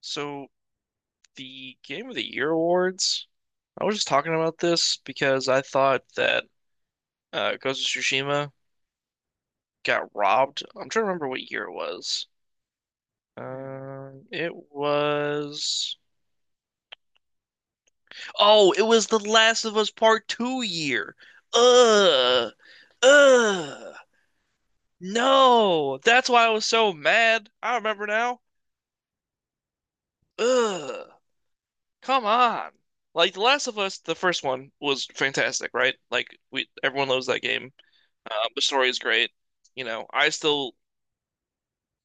So the Game of the Year awards, I was just talking about this because I thought that Ghost of Tsushima got robbed. I'm trying to remember what year it was. Um, it was. Oh, it was The Last of Us Part Two year. Ugh, ugh. No, that's why I was so mad. I remember now. Ugh, come on. Like The Last of Us, the first one was fantastic, right? Everyone loves that game. The story is great. You know, I still,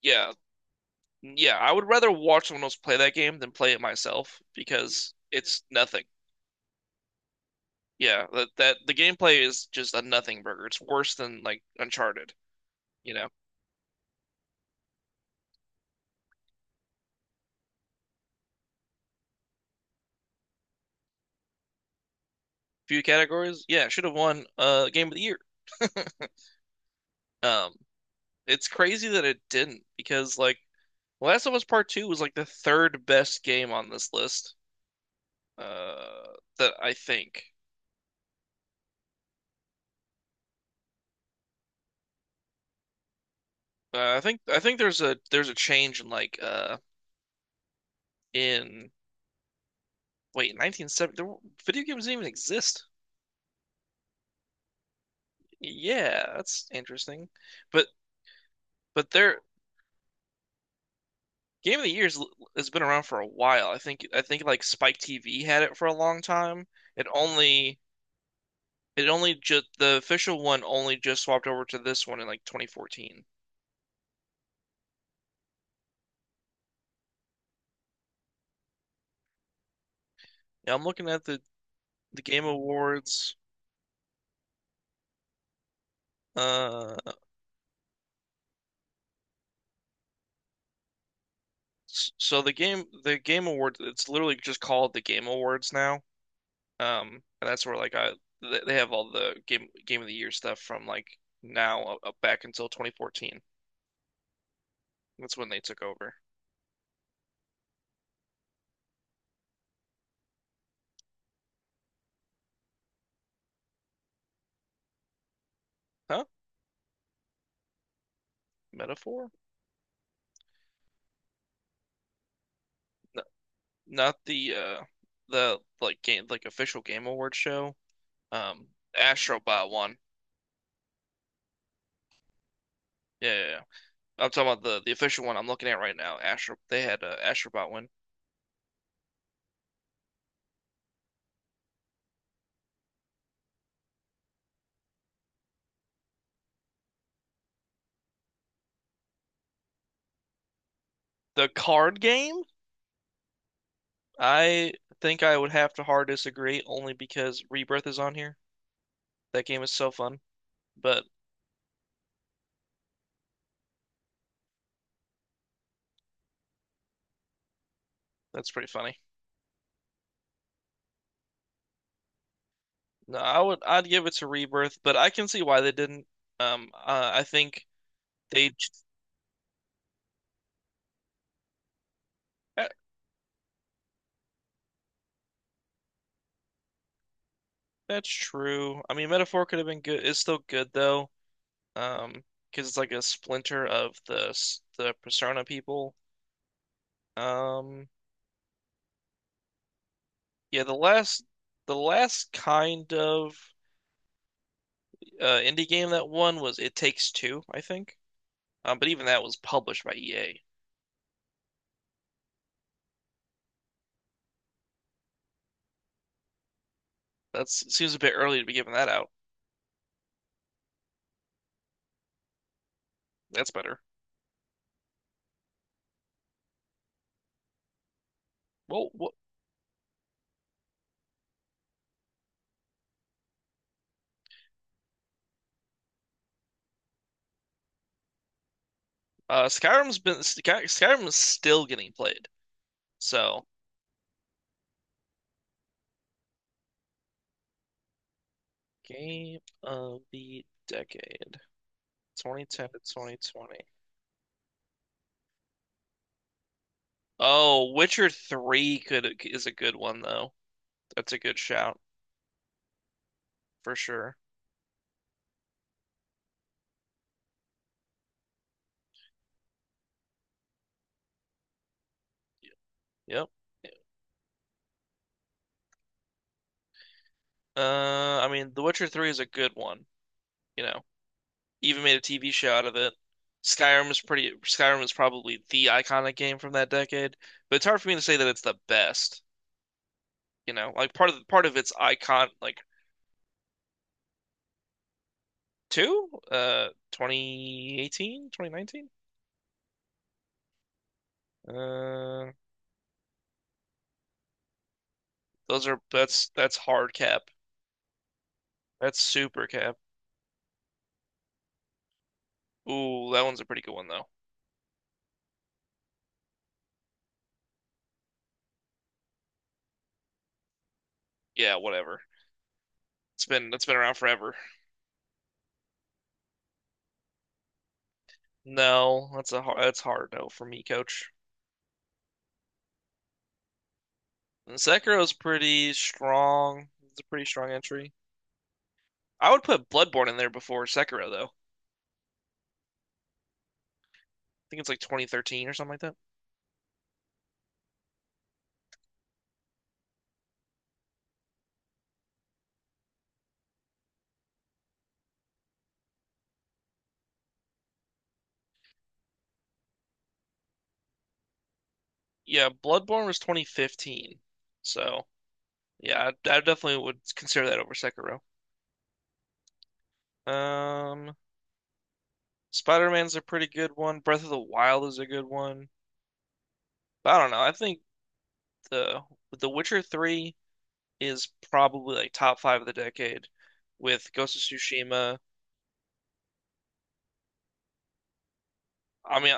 yeah, yeah, I would rather watch someone else play that game than play it myself because it's nothing. Yeah, that the gameplay is just a nothing burger. It's worse than like Uncharted, you know. Few categories, yeah, should have won Game of the Year. Um, it's crazy that it didn't because like Last of Us Part Two was like the third best game on this list. Uh, that I think. I think there's a change in like in Wait, 1970, video games didn't even exist. Yeah, that's interesting. But but their Game of the Year's has been around for a while. I think like Spike TV had it for a long time. It only it only just, the official one only just swapped over to this one in like 2014. Yeah, I'm looking at the Game Awards. Uh, so the Game Awards, it's literally just called the Game Awards now. And that's where like they have all the game of the year stuff from like now up back until 2014. That's when they took over. Huh? Metaphor? No, not the the like game like official game award show. Um, Astrobot won. Yeah, yeah, yeah. I'm talking about the official one I'm looking at right now. Astro They had Astrobot win. The card game? I think I would have to hard disagree only because Rebirth is on here. That game is so fun, but that's pretty funny. No, I'd give it to Rebirth, but I can see why they didn't. I think they that, that's true. I mean, Metaphor could have been good. It's still good though. Um, because it's like a splinter of the Persona people. Um, yeah, the last kind of indie game that won was It Takes Two, I think. But even that was published by EA. That's, it seems a bit early to be giving that out. That's better. Well, what, Skyrim is still getting played. So, game of the decade, 2010 to 2020. Oh, Witcher 3 could is a good one though. That's a good shout for sure. Yep. I mean, The Witcher 3 is a good one, you know. Even made a TV show out of it. Skyrim is probably the iconic game from that decade, but it's hard for me to say that it's the best, you know. Like part of its icon like 2 2018, 2019, Uh Those are that's hard cap. That's super cap. Ooh, that one's a pretty good one though. Yeah, whatever. It's been around forever. No, that's hard no for me, coach. And Sekiro's pretty strong. It's a pretty strong entry. I would put Bloodborne in there before Sekiro though. I think it's like 2013 or something like that. Yeah, Bloodborne was 2015. So, yeah, I definitely would consider that over Sekiro. Um, Spider-Man's a pretty good one. Breath of the Wild is a good one. But I don't know. I think the the Witcher 3 is probably like top five of the decade with Ghost of Tsushima. I mean,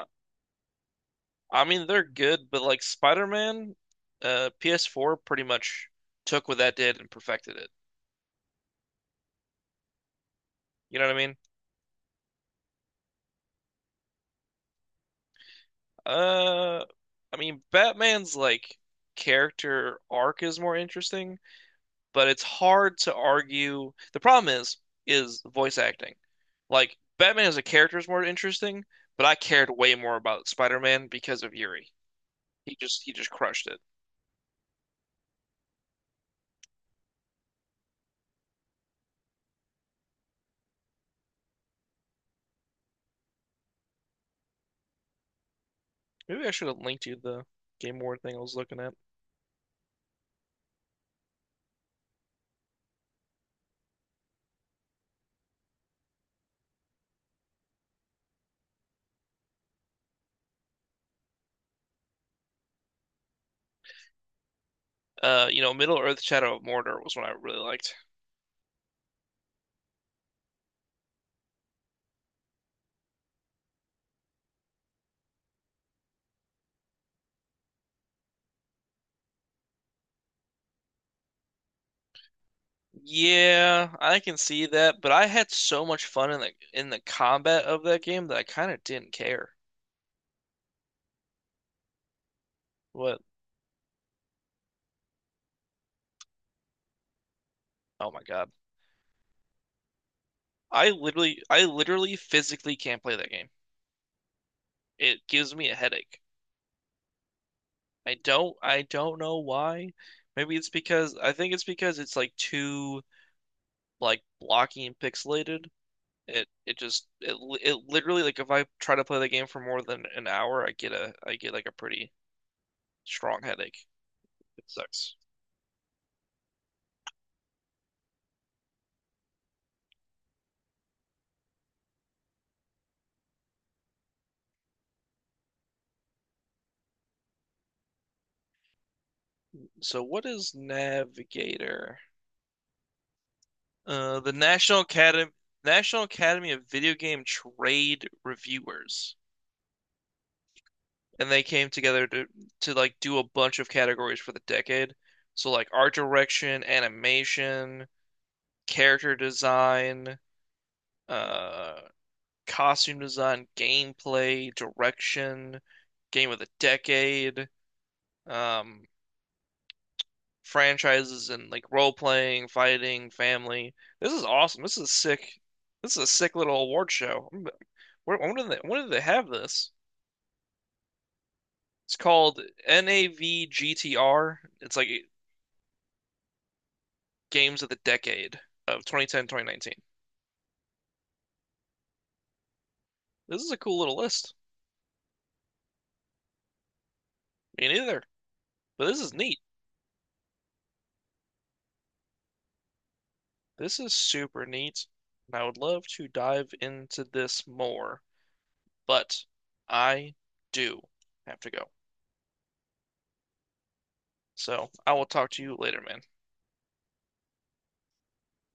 I mean they're good, but like Spider-Man, PS4 pretty much took what that did and perfected it. You know what I mean? Uh, I mean Batman's like character arc is more interesting, but it's hard to argue. The problem is voice acting. Like Batman as a character is more interesting, but I cared way more about Spider-Man because of Yuri. He just crushed it. Maybe I should have linked you the Game Award thing I was looking at. You know, Middle Earth: Shadow of Mordor was one I really liked. Yeah, I can see that, but I had so much fun in the combat of that game that I kind of didn't care. What? Oh my God. I literally physically can't play that game. It gives me a headache. I don't know why. Maybe it's because, I think it's because it's like too like blocky and pixelated. It just it li- it literally, like, if I try to play the game for more than an hour, I get a I get like a pretty strong headache. It sucks. So what is Navigator? The National Academy National Academy of Video Game Trade Reviewers, and they came together to like do a bunch of categories for the decade. So like art direction, animation, character design, uh, costume design, gameplay, direction, game of the decade, um, franchises, and like role playing, fighting, family. This is awesome. This is sick. This is a sick little award show. I'm- when did they have this? It's called NAVGTR. It's like games of the decade of 2010 2019. This is a cool little list. Me neither, but this is neat. This is super neat, and I would love to dive into this more, but I do have to go. So I will talk to you later, man.